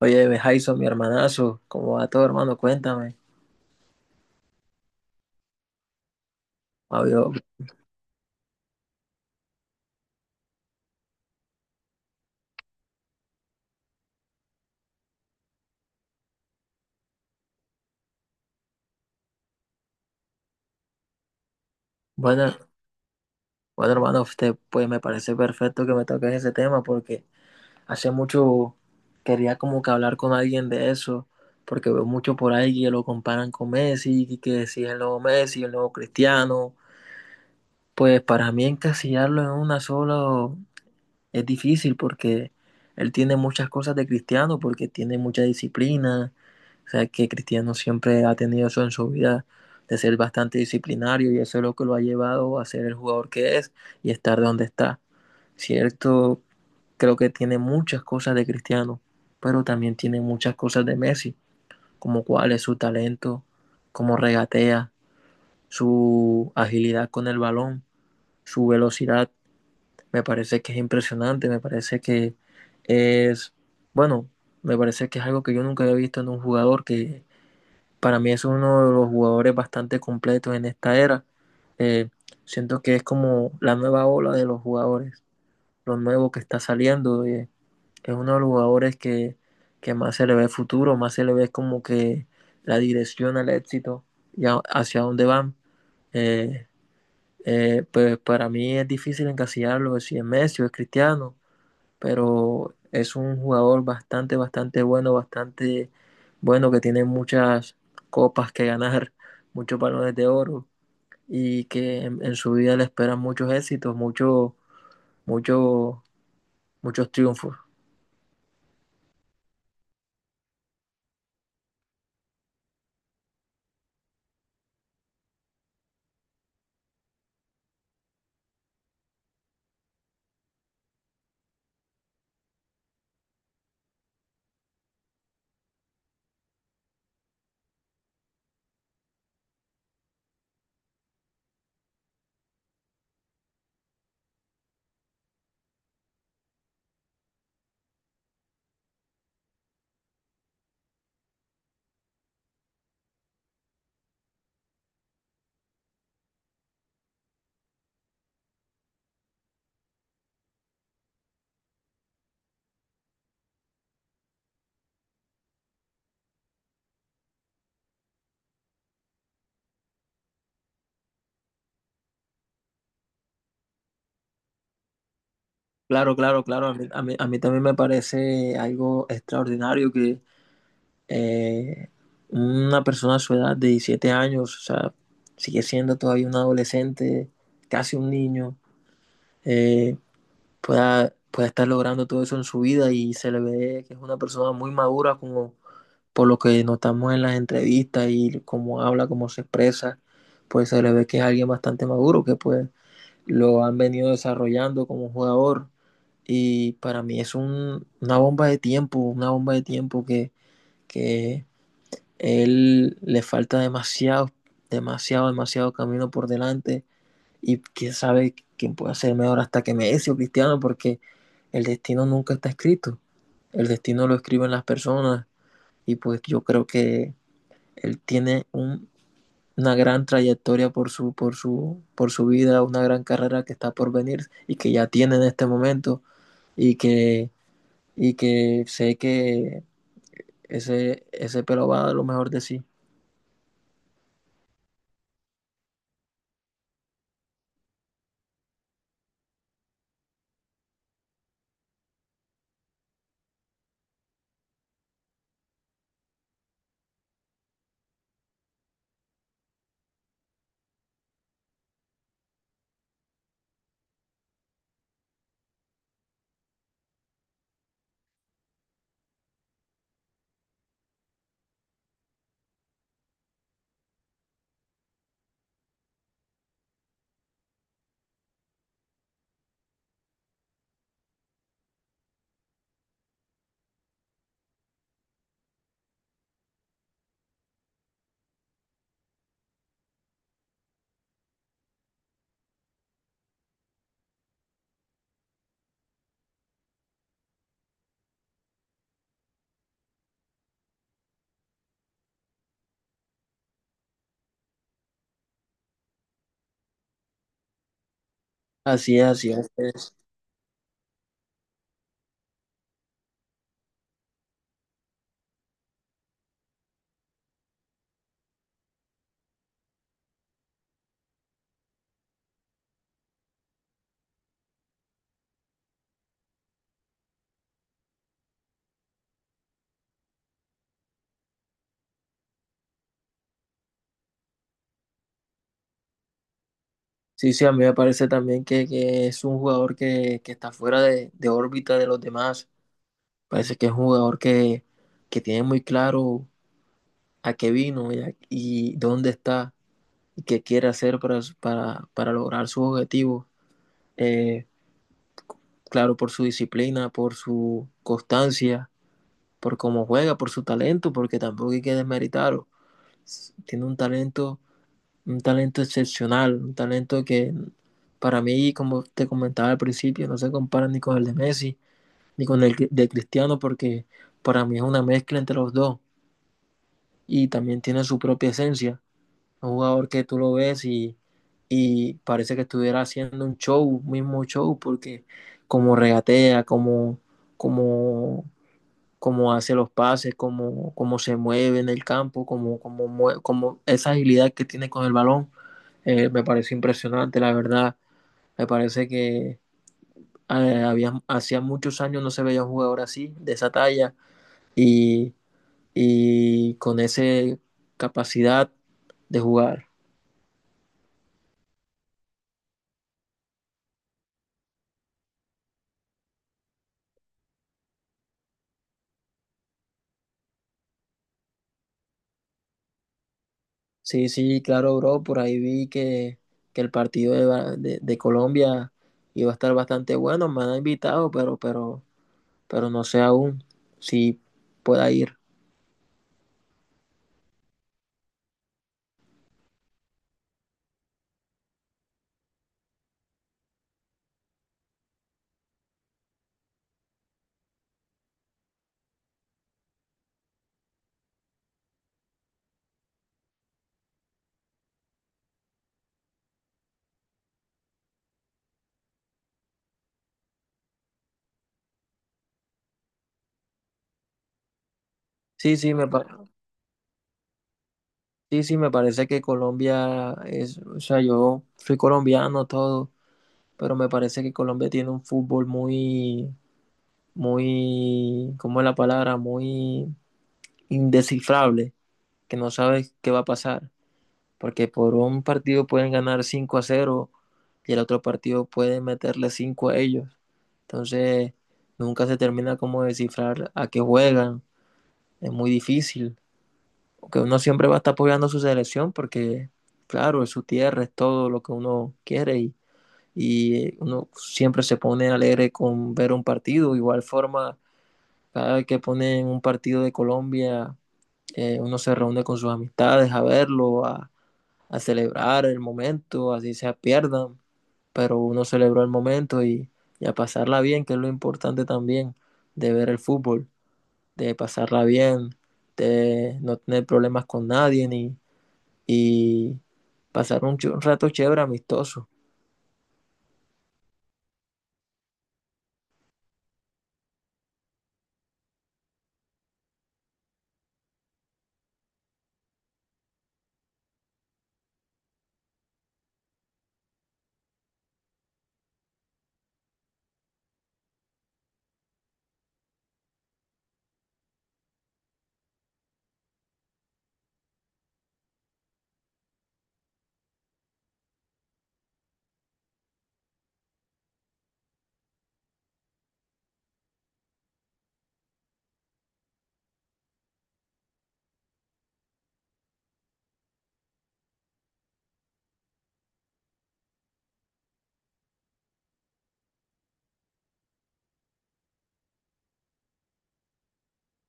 Oye, Jason, mi hermanazo, ¿cómo va todo, hermano? Cuéntame. Amigo, Bueno, bueno, hermano, usted, pues me parece perfecto que me toques ese tema porque hace mucho quería como que hablar con alguien de eso, porque veo mucho por ahí que lo comparan con Messi, y que si es el nuevo Messi, el nuevo Cristiano, pues para mí encasillarlo en una sola, es difícil porque él tiene muchas cosas de cristiano, porque tiene mucha disciplina. O sea, que Cristiano siempre ha tenido eso en su vida, de ser bastante disciplinario, y eso es lo que lo ha llevado a ser el jugador que es y estar donde está. Cierto, creo que tiene muchas cosas de Cristiano, pero también tiene muchas cosas de Messi, como cuál es su talento, cómo regatea, su agilidad con el balón, su velocidad me parece que es impresionante, me parece que es, bueno, me parece que es algo que yo nunca había visto en un jugador, que para mí es uno de los jugadores bastante completos en esta era. Eh, Siento que es como la nueva ola de los jugadores, lo nuevo que está saliendo. Es uno de los jugadores que más se le ve futuro, más se le ve como que la dirección al éxito y hacia dónde van. Eh, pues para mí es difícil encasillarlo si es Messi o es Cristiano, pero es un jugador bastante bueno que tiene muchas copas que ganar, muchos balones de oro y que en su vida le esperan muchos éxitos, muchos, muchos triunfos. Claro, claro, claro. A mí también me parece algo extraordinario que eh, una persona a su edad de 17 años, o sea, sigue siendo todavía un adolescente, casi un niño, eh, pueda estar logrando todo eso en su vida y se le ve que es una persona muy madura como por lo que notamos en las entrevistas y cómo habla, cómo se expresa, pues se le ve que es alguien bastante maduro, que pues lo han venido desarrollando como jugador y para mí es una bomba de tiempo, una bomba de tiempo que él le falta demasiado, demasiado, demasiado camino por delante y quién sabe quién puede ser mejor hasta que Messi o Cristiano, porque el destino nunca está escrito. El destino lo escriben las personas y pues yo creo que él tiene una gran trayectoria por por su vida, una gran carrera que está por venir y que ya tiene en este momento y que, y que sé que ese pelo va a dar lo mejor de sí. Así es, así es. Sí, sí, a mí me parece también que es un jugador que está fuera de órbita de los demás. Parece que es un jugador que tiene muy claro a qué vino y, y dónde está y qué quiere hacer para lograr sus objetivos. Eh, claro, por su disciplina, por su constancia, por cómo juega, por su talento, porque tampoco hay que desmeritarlo. Tiene un talento excepcional, un talento que para mí, como te comentaba al principio, no se compara ni con el de Messi ni con el de Cristiano, porque para mí es una mezcla entre los dos y también tiene su propia esencia. Un jugador que tú lo ves y parece que estuviera haciendo un show, mismo show, porque como regatea, como, como cómo hace los pases, cómo se mueve en el campo, cómo esa agilidad que tiene con el balón, me pareció impresionante, la verdad. Me parece que había, hacía muchos años no se veía un jugador así, de esa talla, y, y con esa capacidad de jugar. Sí, sí, claro, bro, por ahí vi que el partido de, de Colombia iba a estar bastante bueno, me han invitado, pero no sé aún si pueda ir. Sí, sí, me, pa- sí, sí, me parece que Colombia es, o sea, yo soy colombiano todo, pero me parece que Colombia tiene un fútbol muy, muy, ¿cómo es la palabra? Muy indescifrable, que no sabes qué va a pasar, porque por un partido pueden ganar 5-0 y el otro partido puede meterle 5 a ellos. Entonces, nunca se termina como de descifrar a qué juegan, es muy difícil. Que uno siempre va a estar apoyando a su selección porque, claro, es su tierra, es todo lo que uno quiere y uno siempre se pone alegre con ver un partido. Igual forma, cada vez que ponen un partido de Colombia, uno se reúne con sus amistades a verlo, a celebrar el momento, así se pierdan, pero uno celebró el momento y a pasarla bien, que es lo importante también de ver el fútbol, de pasarla bien, de no tener problemas con nadie ni y pasar un, un rato chévere, amistoso.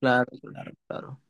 Claro, claro, claro.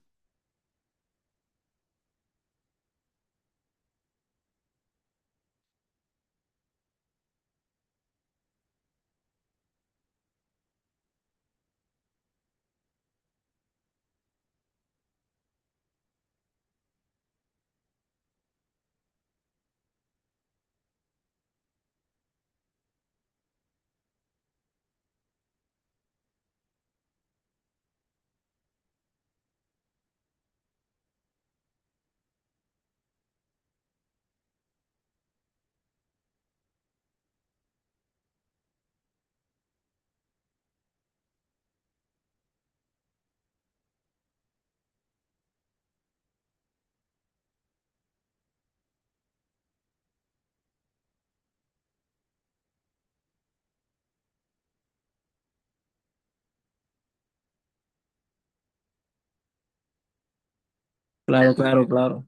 Claro, claro, claro.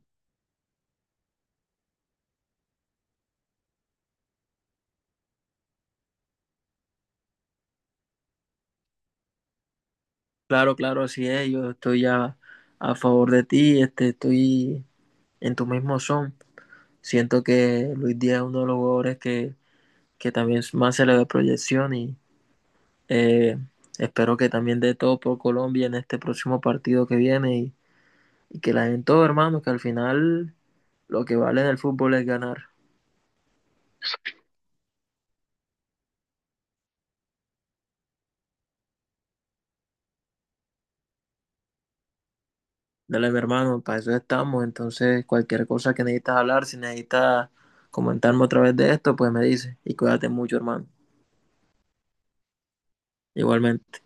Claro, claro, así es. Yo estoy a favor de ti, este, estoy en tu mismo son. Siento que Luis Díaz es uno de los jugadores que también más se le ve proyección y eh, espero que también dé todo por Colombia en este próximo partido que viene y que la den todo, hermano, que al final lo que vale en el fútbol es ganar. Dale, mi hermano, para eso estamos. Entonces, cualquier cosa que necesitas hablar, si necesitas comentarme otra vez de esto, pues me dices. Y cuídate mucho, hermano. Igualmente.